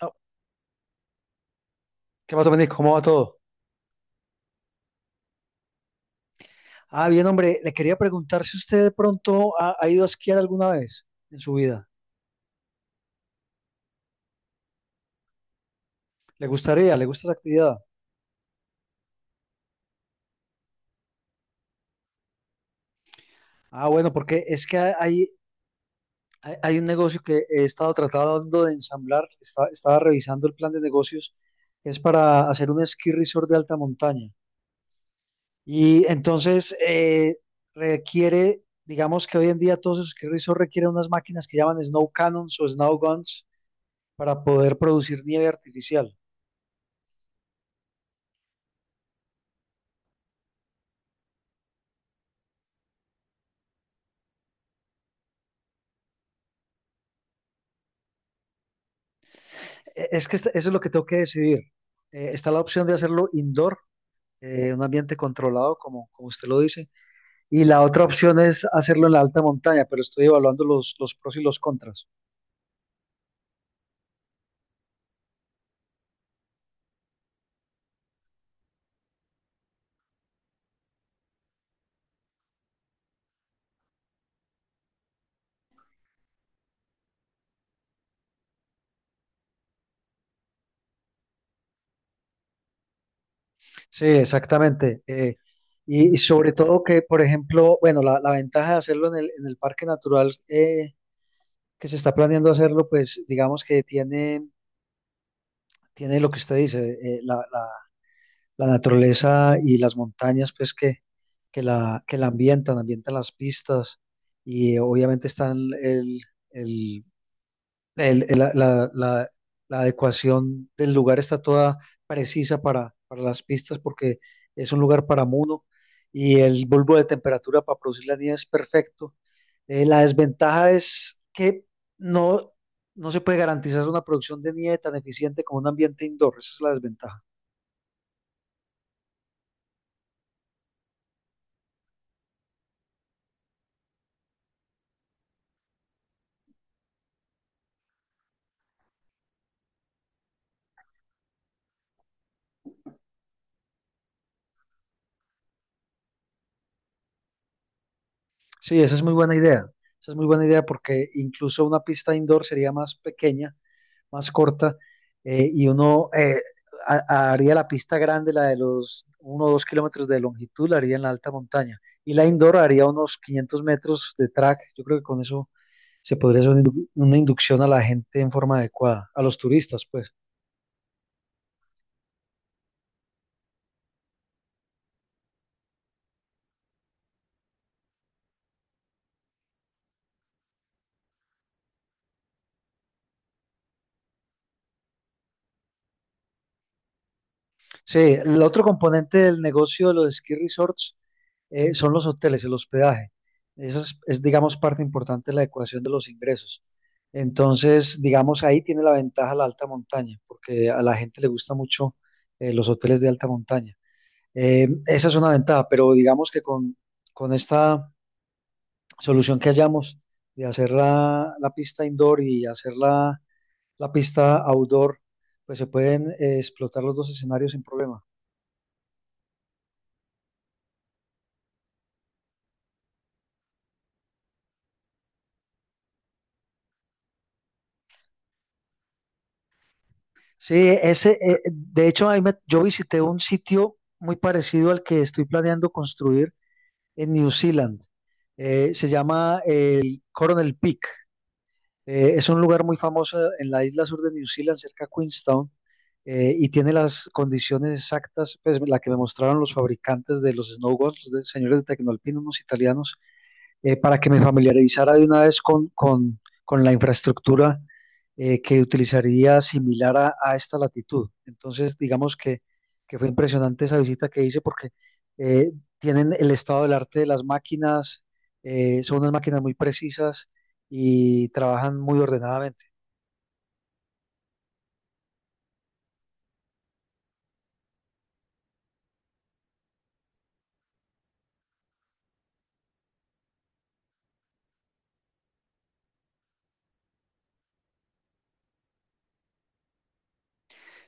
Oh, ¿qué pasa, Benny? ¿Cómo va todo? Ah, bien, hombre, le quería preguntar si usted de pronto ha ido a esquiar alguna vez en su vida. ¿Le gustaría? ¿Le gusta esa actividad? Ah, bueno, porque es que hay un negocio que he estado tratando de ensamblar, estaba revisando el plan de negocios, es para hacer un esquí resort de alta montaña. Y entonces requiere, digamos que hoy en día todos esos esquí resorts requieren unas máquinas que llaman snow cannons o snow guns para poder producir nieve artificial. Es que eso es lo que tengo que decidir. Está la opción de hacerlo indoor, un ambiente controlado, como usted lo dice, y la otra opción es hacerlo en la alta montaña, pero estoy evaluando los pros y los contras. Sí, exactamente. Y sobre todo que, por ejemplo, bueno, la ventaja de hacerlo en el parque natural, que se está planeando hacerlo, pues digamos que tiene, tiene lo que usted dice, la naturaleza y las montañas, pues que ambientan las pistas, y obviamente están el, el- el- la, la- la- la adecuación del lugar está toda precisa para las pistas porque es un lugar para muno y el bulbo de temperatura para producir la nieve es perfecto. La desventaja es que no, no se puede garantizar una producción de nieve tan eficiente como un ambiente indoor, esa es la desventaja. Sí, esa es muy buena idea. Esa es muy buena idea porque incluso una pista indoor sería más pequeña, más corta, y uno haría la pista grande, la de los 1 o 2 kilómetros de longitud, la haría en la alta montaña. Y la indoor haría unos 500 metros de track. Yo creo que con eso se podría hacer una una inducción a la gente en forma adecuada, a los turistas, pues. Sí, el otro componente del negocio de los ski resorts, son los hoteles, el hospedaje. Eso es, digamos, parte importante de la ecuación de los ingresos. Entonces, digamos, ahí tiene la ventaja la alta montaña, porque a la gente le gusta mucho, los hoteles de alta montaña. Esa es una ventaja, pero digamos que con esta solución que hallamos de hacer la pista indoor y hacer la pista outdoor, pues se pueden explotar los dos escenarios sin problema. Sí, ese, de hecho, yo visité un sitio muy parecido al que estoy planeando construir en New Zealand. Se llama el Coronel Peak. Es un lugar muy famoso en la isla sur de New Zealand, cerca de Queenstown, y tiene las condiciones exactas, pues la que me mostraron los fabricantes de los snowboards, los señores de Tecnolpin, unos italianos, para que me familiarizara de una vez con la infraestructura que utilizaría similar a, esta latitud. Entonces, digamos que, fue impresionante esa visita que hice porque eh, tienen el estado del arte de las máquinas, son unas máquinas muy precisas y trabajan muy ordenadamente.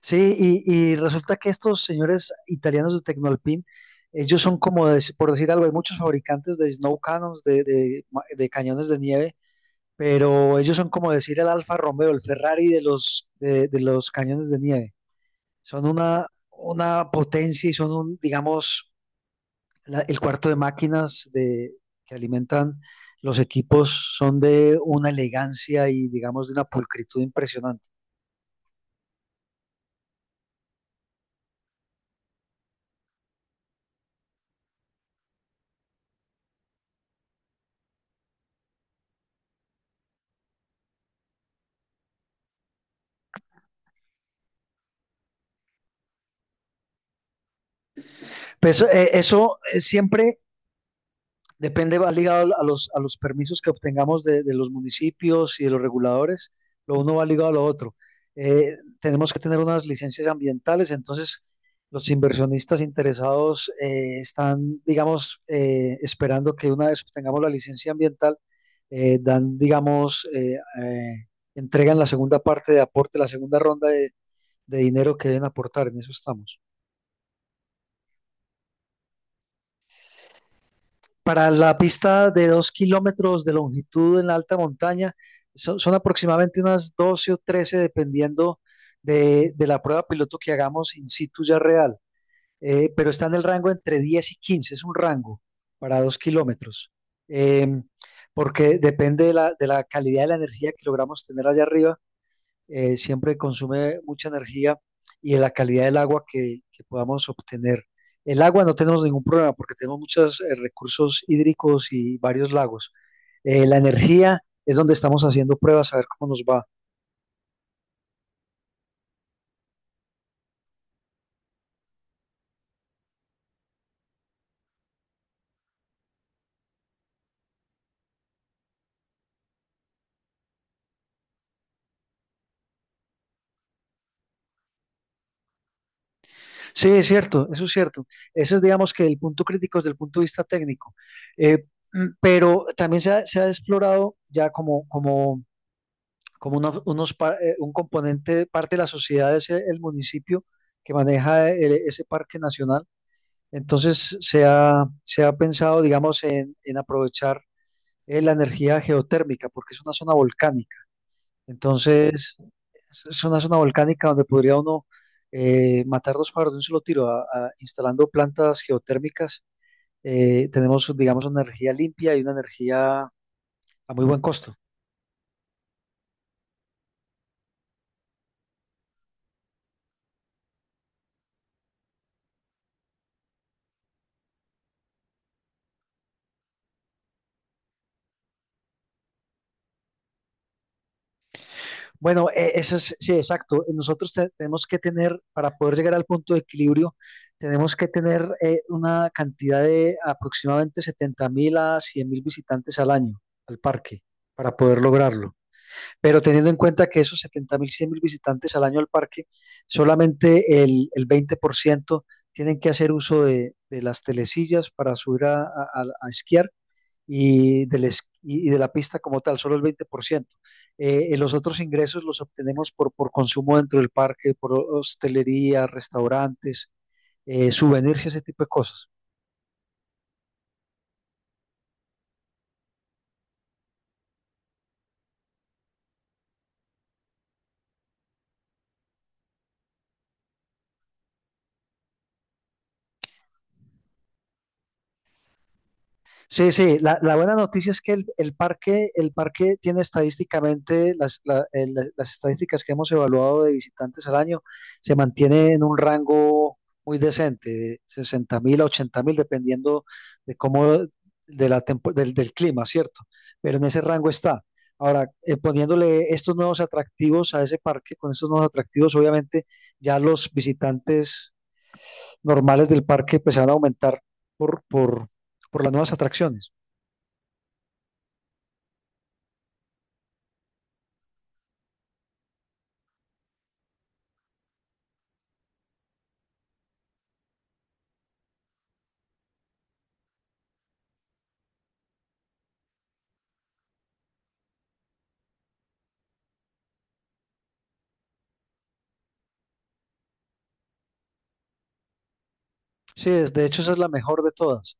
Sí, y resulta que estos señores italianos de Tecnolpin, ellos son como, de, por decir algo, hay muchos fabricantes de snow cannons, de cañones de nieve, pero ellos son como decir el Alfa Romeo, el Ferrari de de los cañones de nieve. Son una potencia y son un, digamos, el cuarto de máquinas de, que alimentan los equipos, son de una elegancia y, digamos, de una pulcritud impresionante. Pues eso siempre depende, va ligado a a los permisos que obtengamos de los municipios y de los reguladores. Lo uno va ligado a lo otro. Eh, Tenemos que tener unas licencias ambientales, entonces los inversionistas interesados están, digamos, esperando que una vez obtengamos la licencia ambiental, dan, digamos, entregan la segunda parte de aporte, la segunda ronda de dinero que deben aportar. En eso estamos. Para la pista de 2 kilómetros de longitud en la alta montaña, son aproximadamente unas 12 o 13, dependiendo de la prueba piloto que hagamos in situ ya real. Pero está en el rango entre 10 y 15, es un rango para 2 kilómetros. Em, Porque depende de de la calidad de la energía que logramos tener allá arriba. Siempre consume mucha energía y de la calidad del agua que podamos obtener. El agua no tenemos ningún problema porque tenemos muchos, recursos hídricos y varios lagos. La energía es donde estamos haciendo pruebas a ver cómo nos va. Sí, es cierto, eso es cierto. Ese es, digamos, que el punto crítico desde el punto de vista técnico. Eh, pero también se ha explorado ya como un componente, parte de la sociedad es el municipio que maneja ese parque nacional. Entonces se ha pensado, digamos, en aprovechar, la energía geotérmica, porque es una zona volcánica. Entonces, es una zona volcánica donde podría uno matar dos pájaros de un solo tiro, instalando plantas geotérmicas. Tenemos, digamos, una energía limpia y una energía a muy buen costo. Bueno, eso es, sí, exacto. Nosotros tenemos que tener, para poder llegar al punto de equilibrio, tenemos que tener, una cantidad de aproximadamente 70.000 a 100.000 visitantes al año al parque para poder lograrlo. Pero teniendo en cuenta que esos 70.000, 100.000 visitantes al año al parque, solamente el 20% tienen que hacer uso de las telesillas para subir a esquiar y y de la pista como tal, solo el 20%. Los otros ingresos los obtenemos por consumo dentro del parque, por hostelería, restaurantes, souvenirs y ese tipo de cosas. Sí, sí, la buena noticia es que el parque tiene estadísticamente las, la- el- la- las estadísticas que hemos evaluado de visitantes al año, se mantiene en un rango muy decente, de 60.000 a 80.000, dependiendo de cómo, de la del clima, ¿cierto? Pero en ese rango está. Ahora, poniéndole estos nuevos atractivos a ese parque, con estos nuevos atractivos, obviamente ya los visitantes normales del parque pues se van a aumentar por, por, por las nuevas atracciones. Sí, de hecho esa es la mejor de todas.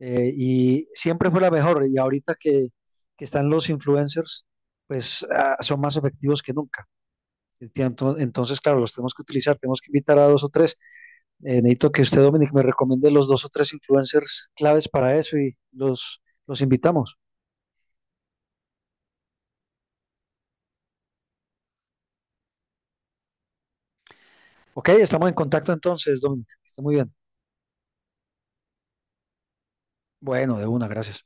Y siempre fue la mejor. Y ahorita que están los influencers, pues son más efectivos que nunca. Enti- Entonces, claro, los tenemos que utilizar, tenemos que invitar a dos o tres. Necesito que usted, Dominic, me recomiende los dos o tres influencers claves para eso y los invitamos. Ok, estamos en contacto entonces, Dominic. Está muy bien. Bueno, de una, gracias.